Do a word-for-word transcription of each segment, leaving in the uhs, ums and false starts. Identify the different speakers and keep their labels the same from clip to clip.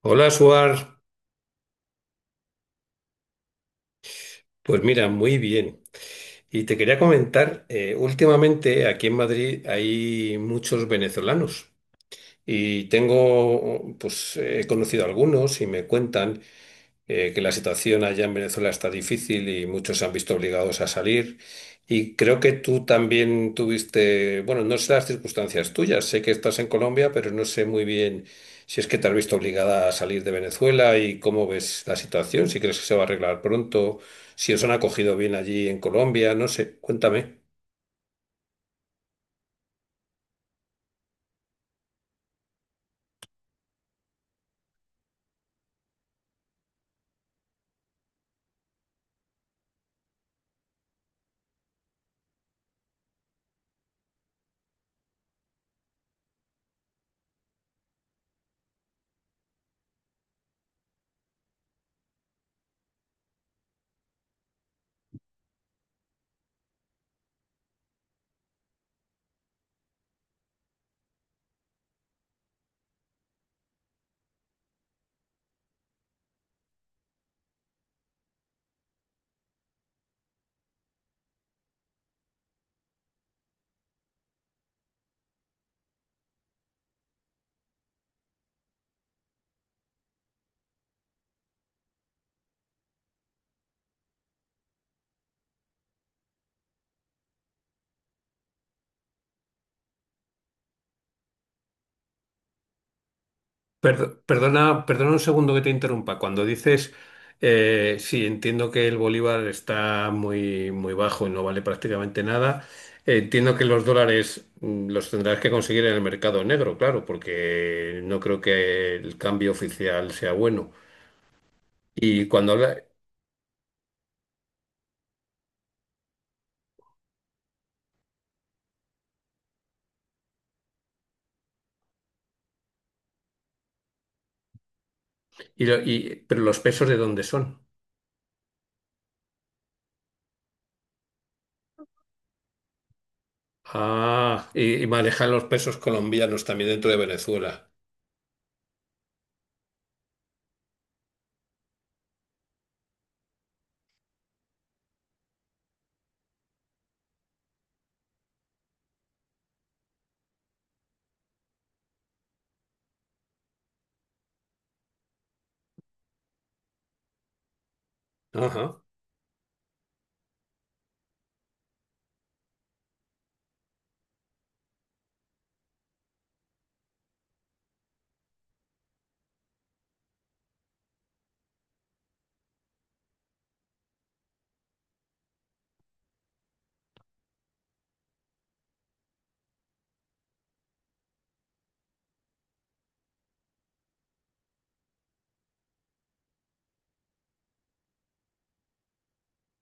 Speaker 1: Hola, Suar. Pues mira, muy bien. Y te quería comentar, eh, últimamente aquí en Madrid hay muchos venezolanos y tengo, pues he conocido algunos y me cuentan. Eh, que la situación allá en Venezuela está difícil y muchos se han visto obligados a salir. Y creo que tú también tuviste, bueno, no sé las circunstancias tuyas, sé que estás en Colombia, pero no sé muy bien si es que te has visto obligada a salir de Venezuela y cómo ves la situación, si crees que se va a arreglar pronto, si os han acogido bien allí en Colombia, no sé, cuéntame. Perdo- Perdona, perdona un segundo que te interrumpa. Cuando dices, eh, sí, entiendo que el bolívar está muy, muy bajo y no vale prácticamente nada, eh, entiendo que los dólares mm, los tendrás que conseguir en el mercado negro, claro, porque no creo que el cambio oficial sea bueno. Y cuando habla, y, lo- y- pero ¿los pesos de dónde son? Ah, ¿y, y manejan los pesos colombianos también dentro de Venezuela? Ajá.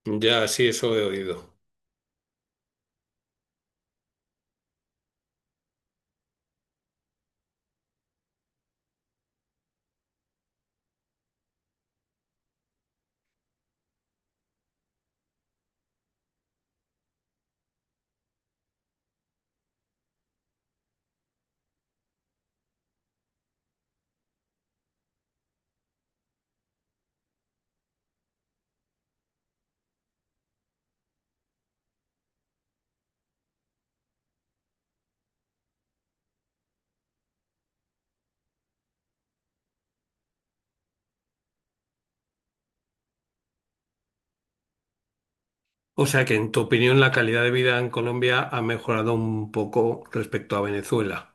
Speaker 1: Ya, sí, eso he oído. ¿O sea que en tu opinión la calidad de vida en Colombia ha mejorado un poco respecto a Venezuela?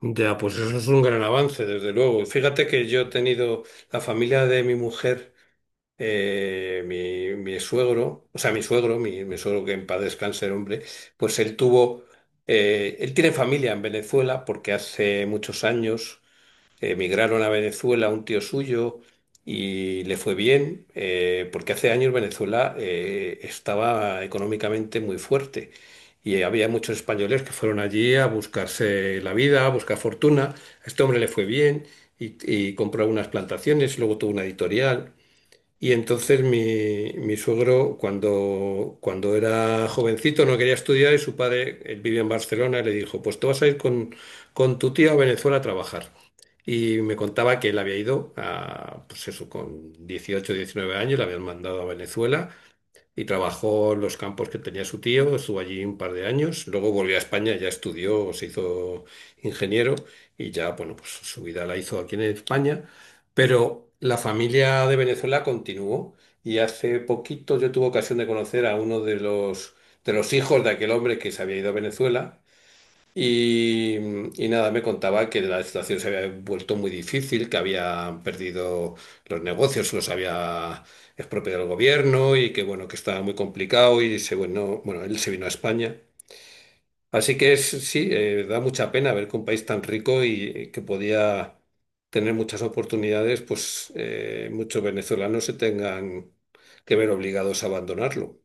Speaker 1: Ya, pues eso es un gran avance, desde luego. Fíjate que yo he tenido la familia de mi mujer, eh, mi, mi suegro, o sea, mi suegro, mi, mi suegro que en paz descanse el hombre, pues él tuvo, eh, él tiene familia en Venezuela porque hace muchos años emigraron a Venezuela un tío suyo y le fue bien, eh, porque hace años Venezuela eh, estaba económicamente muy fuerte y había muchos españoles que fueron allí a buscarse la vida, a buscar fortuna. A este hombre le fue bien y, y compró unas plantaciones, luego tuvo una editorial. Y entonces mi, mi suegro, cuando, cuando era jovencito, no quería estudiar y su padre, él vivía en Barcelona, y le dijo, pues tú vas a ir con, con tu tía a Venezuela a trabajar. Y me contaba que él había ido a, pues eso, con dieciocho diecinueve años, le habían mandado a Venezuela y trabajó en los campos que tenía su tío, estuvo allí un par de años, luego volvió a España, ya estudió, se hizo ingeniero y ya, bueno, pues su vida la hizo aquí en España, pero la familia de Venezuela continuó y hace poquito yo tuve ocasión de conocer a uno de los, de los hijos de aquel hombre que se había ido a Venezuela y, y nada, me contaba que la situación se había vuelto muy difícil, que había perdido los negocios, los había expropiado el gobierno y que bueno, que estaba muy complicado y se bueno, bueno, él se vino a España. Así que es, sí, eh, da mucha pena ver que un país tan rico y que podía tener muchas oportunidades, pues eh, muchos venezolanos se tengan que ver obligados a abandonarlo.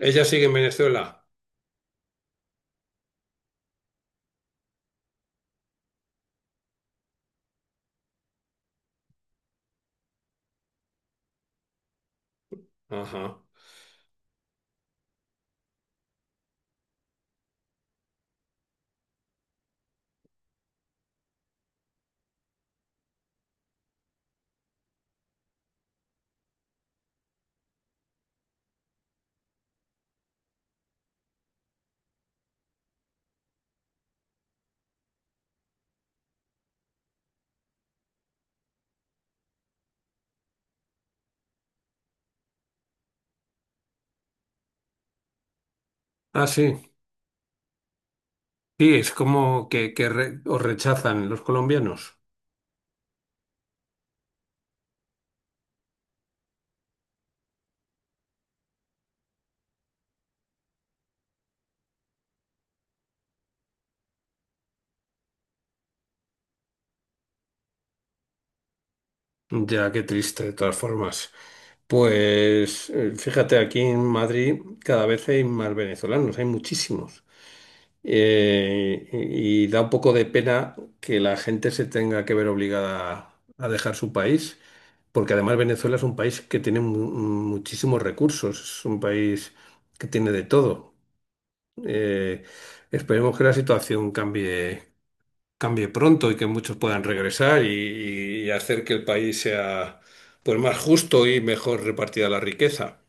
Speaker 1: ¿Ella sigue en Venezuela? Ajá. Ah, sí. Sí, es como que, que re- os rechazan los colombianos. Ya, qué triste, de todas formas. Pues eh, fíjate, aquí en Madrid cada vez hay más venezolanos, hay muchísimos. Eh, y, y da un poco de pena que la gente se tenga que ver obligada a, dejar su país, porque además Venezuela es un país que tiene mu- muchísimos recursos, es un país que tiene de todo. Eh, Esperemos que la situación cambie. Cambie pronto y que muchos puedan regresar y, y hacer que el país sea pues más justo y mejor repartida la riqueza.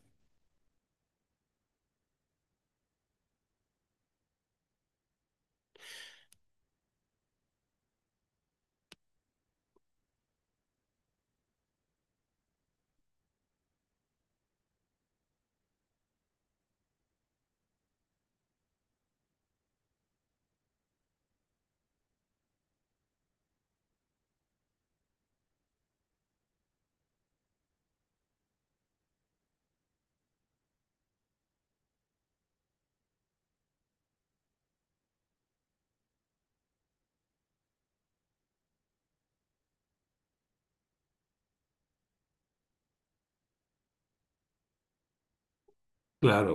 Speaker 1: Claro.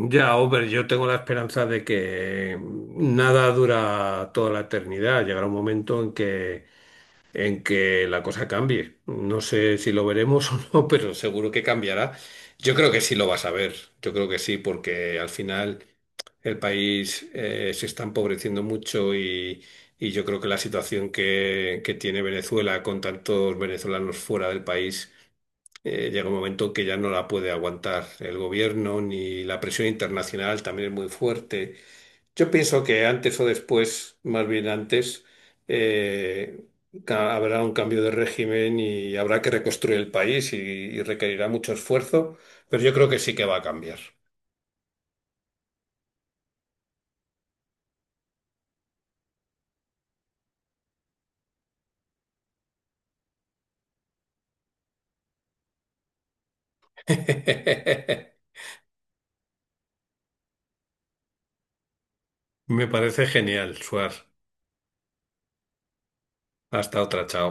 Speaker 1: Ya, hombre, yo tengo la esperanza de que nada dura toda la eternidad. Llegará un momento en que, en que la cosa cambie. No sé si lo veremos o no, pero seguro que cambiará. Yo creo que sí lo vas a ver. Yo creo que sí, porque al final. El país eh, se está empobreciendo mucho y, y yo creo que la situación que, que tiene Venezuela con tantos venezolanos fuera del país eh, llega un momento que ya no la puede aguantar el gobierno ni la presión internacional también es muy fuerte. Yo pienso que antes o después, más bien antes, eh, ca- habrá un cambio de régimen y habrá que reconstruir el país y y requerirá mucho esfuerzo, pero yo creo que sí que va a cambiar. Me parece genial, Suar. Hasta otra, chao.